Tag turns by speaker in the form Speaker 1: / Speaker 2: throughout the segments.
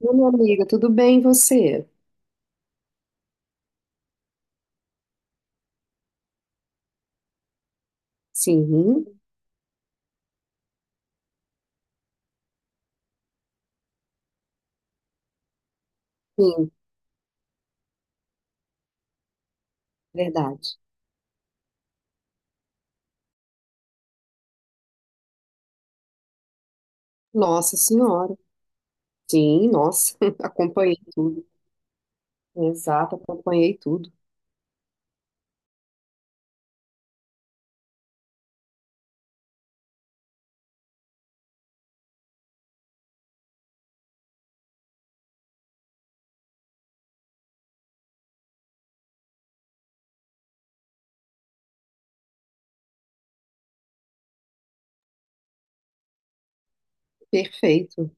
Speaker 1: Oi, minha amiga, tudo bem e você? Sim, sim, verdade. Nossa Senhora. Sim, nossa, acompanhei tudo. Exato, acompanhei tudo. Perfeito.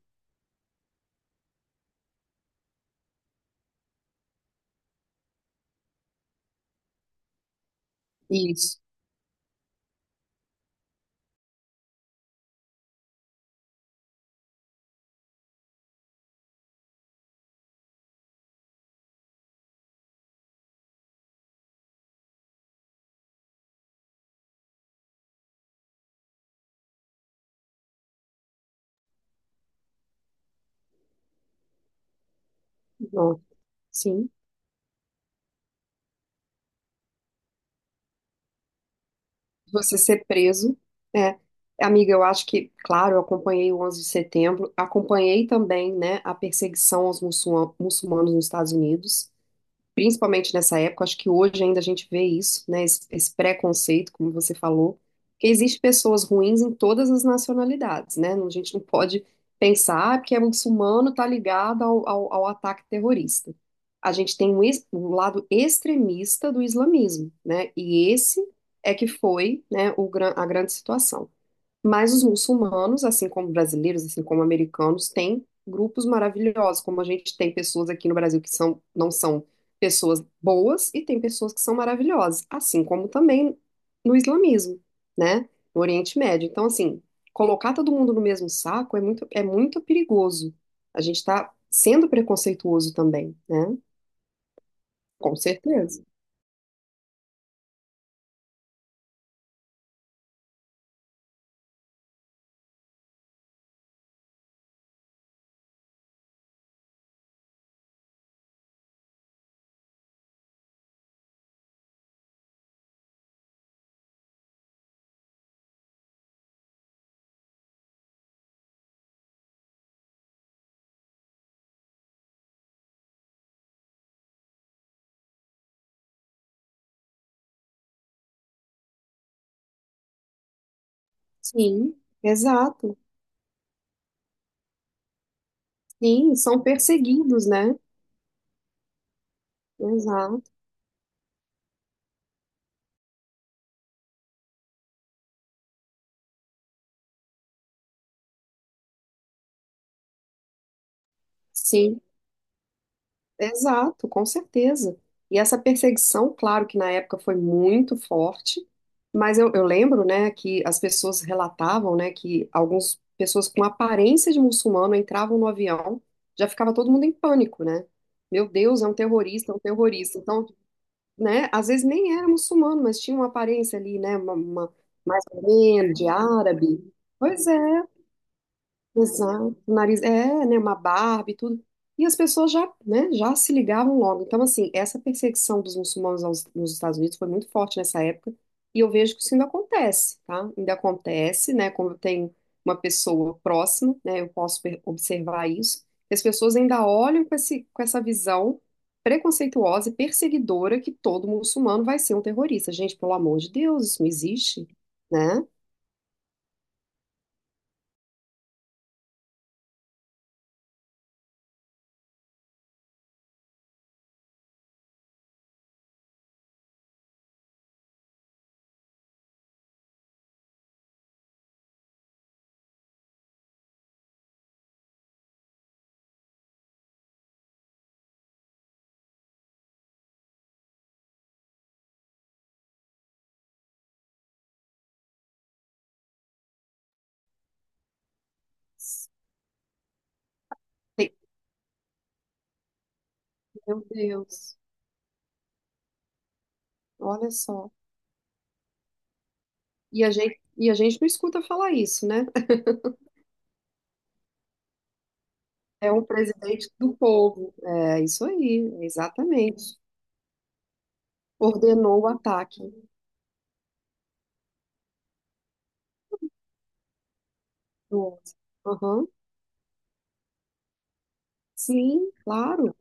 Speaker 1: Isso. Não, sim. Você ser preso. É. Amiga, eu acho que, claro, eu acompanhei o 11 de setembro, acompanhei também, né, a perseguição aos muçulmanos nos Estados Unidos. Principalmente nessa época, acho que hoje ainda a gente vê isso, né? Esse preconceito, como você falou, que existe pessoas ruins em todas as nacionalidades, né? A gente não pode pensar "Ah, porque é muçulmano, tá ligado ao ataque terrorista." A gente tem um, um lado extremista do islamismo, né? E esse é que foi, né, o, a grande situação. Mas os muçulmanos, assim como brasileiros, assim como americanos, têm grupos maravilhosos, como a gente tem pessoas aqui no Brasil que são, não são pessoas boas e tem pessoas que são maravilhosas, assim como também no islamismo, né? No Oriente Médio. Então, assim, colocar todo mundo no mesmo saco é é muito perigoso. A gente está sendo preconceituoso também, né? Com certeza. Sim, exato. Sim, são perseguidos, né? Exato. Sim. Exato, com certeza. E essa perseguição, claro que na época foi muito forte, mas eu lembro, né, que as pessoas relatavam, né, que algumas pessoas com aparência de muçulmano entravam no avião, já ficava todo mundo em pânico, né? Meu Deus, é um terrorista, é um terrorista. Então, né, às vezes nem era muçulmano, mas tinha uma aparência ali, né, mais ou menos, de árabe. Pois é, exato, o nariz é, né, uma barba e tudo. E as pessoas já, né, já se ligavam logo. Então, assim, essa perseguição dos muçulmanos nos Estados Unidos foi muito forte nessa época. E eu vejo que isso ainda acontece, tá? Ainda acontece, né? Quando tem uma pessoa próxima, né? Eu posso observar isso. E as pessoas ainda olham com esse, com essa visão preconceituosa e perseguidora que todo muçulmano vai ser um terrorista. Gente, pelo amor de Deus, isso não existe, né? Tem- Meu Deus, olha só. E a gente não escuta falar isso, né? É um presidente do povo. É isso aí, exatamente. Ordenou o ataque do outro. Aham. Sim, claro.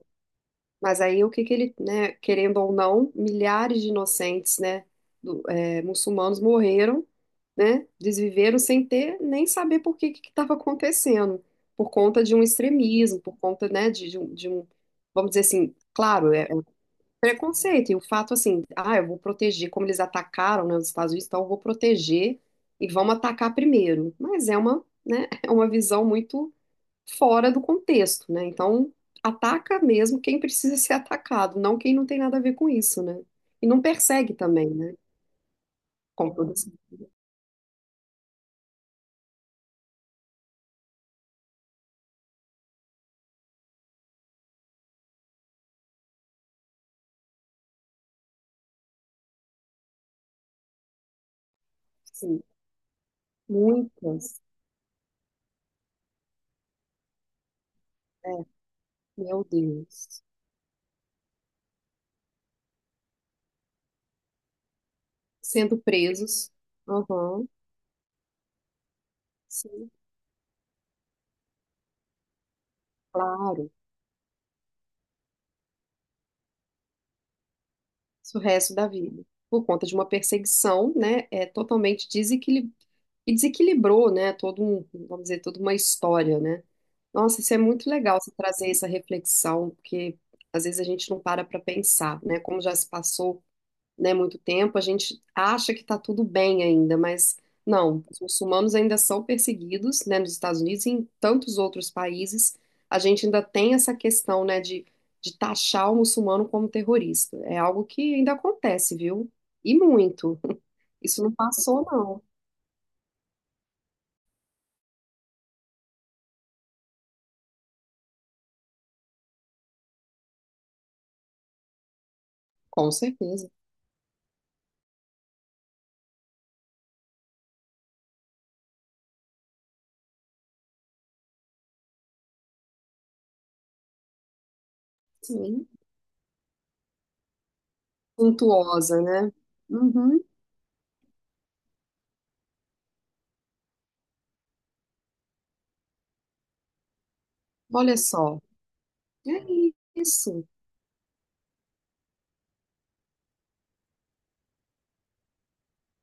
Speaker 1: Mas aí o que que ele, né, querendo ou não, milhares de inocentes, né, é, muçulmanos morreram, né, desviveram sem ter nem saber por que que estava acontecendo, por conta de um extremismo, por conta, né, vamos dizer assim, claro, é, preconceito, e o fato assim, ah, eu vou proteger, como eles atacaram, né, os Estados Unidos, então eu vou proteger e vamos atacar primeiro. Mas é uma, né, é uma visão muito fora do contexto, né? Então, ataca mesmo quem precisa ser atacado, não quem não tem nada a ver com isso, né? E não persegue também, né? Com todas, sim, muitas, é, meu Deus, sendo presos, aham, sim, claro. O resto da vida, por conta de uma perseguição, né, é totalmente e desequilibrou, né, todo um, vamos dizer, toda uma história, né? Nossa, isso é muito legal, você trazer essa reflexão, porque às vezes a gente não para pensar, né, como já se passou né, muito tempo, a gente acha que está tudo bem ainda, mas não, os muçulmanos ainda são perseguidos, né, nos Estados Unidos e em tantos outros países, a gente ainda tem essa questão, né, de taxar o muçulmano como terrorista. É algo que ainda acontece, viu? E muito. Isso não passou, não. Com certeza. Sim. Suntuosa, né? Uhum. Olha só. É isso.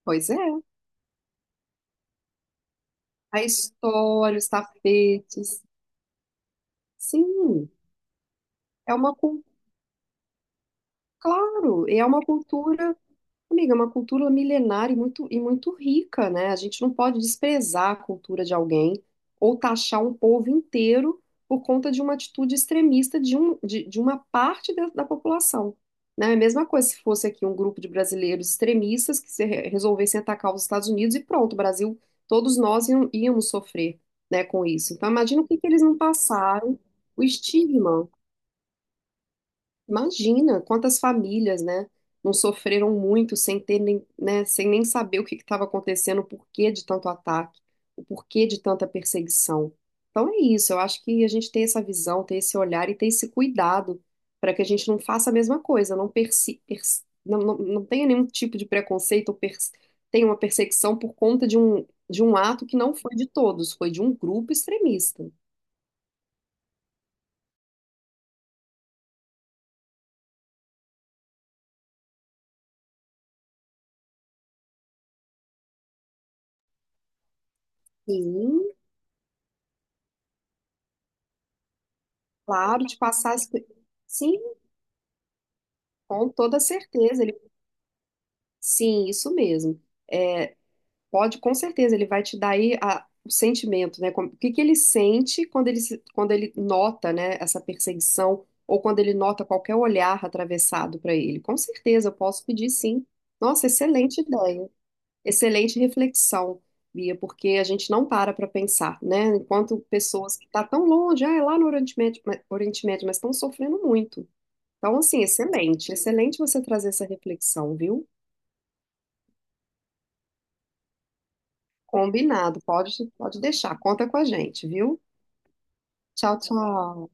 Speaker 1: Pois é. A história, os tapetes. Sim. É uma cultura claro, e é amiga, é uma cultura milenar e e muito rica, né? A gente não pode desprezar a cultura de alguém ou taxar um povo inteiro por conta de uma atitude extremista de uma parte da população. Né? É a mesma coisa se fosse aqui um grupo de brasileiros extremistas que se resolvessem atacar os Estados Unidos e pronto, o Brasil, todos nós íamos sofrer, né, com isso. Então, imagina o que que eles não passaram, o estigma. Imagina quantas famílias, né, não sofreram muito sem ter nem, né, sem nem saber o que estava acontecendo, o porquê de tanto ataque, o porquê de tanta perseguição. Então é isso, eu acho que a gente tem essa visão, tem esse olhar e tem esse cuidado para que a gente não faça a mesma coisa, não, persi, pers- não, não, não tenha nenhum tipo de preconceito ou tenha uma perseguição por conta de de um ato que não foi de todos, foi de um grupo extremista. Sim, claro, de passar as... pe- sim, com toda certeza, ele... sim, isso mesmo. É, pode, com certeza, ele vai te dar aí o sentimento, né? Como- o que que ele sente quando ele, quando ele nota, né, essa perseguição ou quando ele nota qualquer olhar atravessado para ele. Com certeza, eu posso pedir sim. Nossa, excelente ideia, excelente reflexão, Bia, porque a gente não para pensar, né? Enquanto pessoas que estão tão longe, ah, é lá no Oriente Médio, Oriente Médio, mas estão sofrendo muito. Então, assim, excelente, excelente você trazer essa reflexão, viu? Combinado, pode, pode deixar, conta com a gente, viu? Tchau, tchau.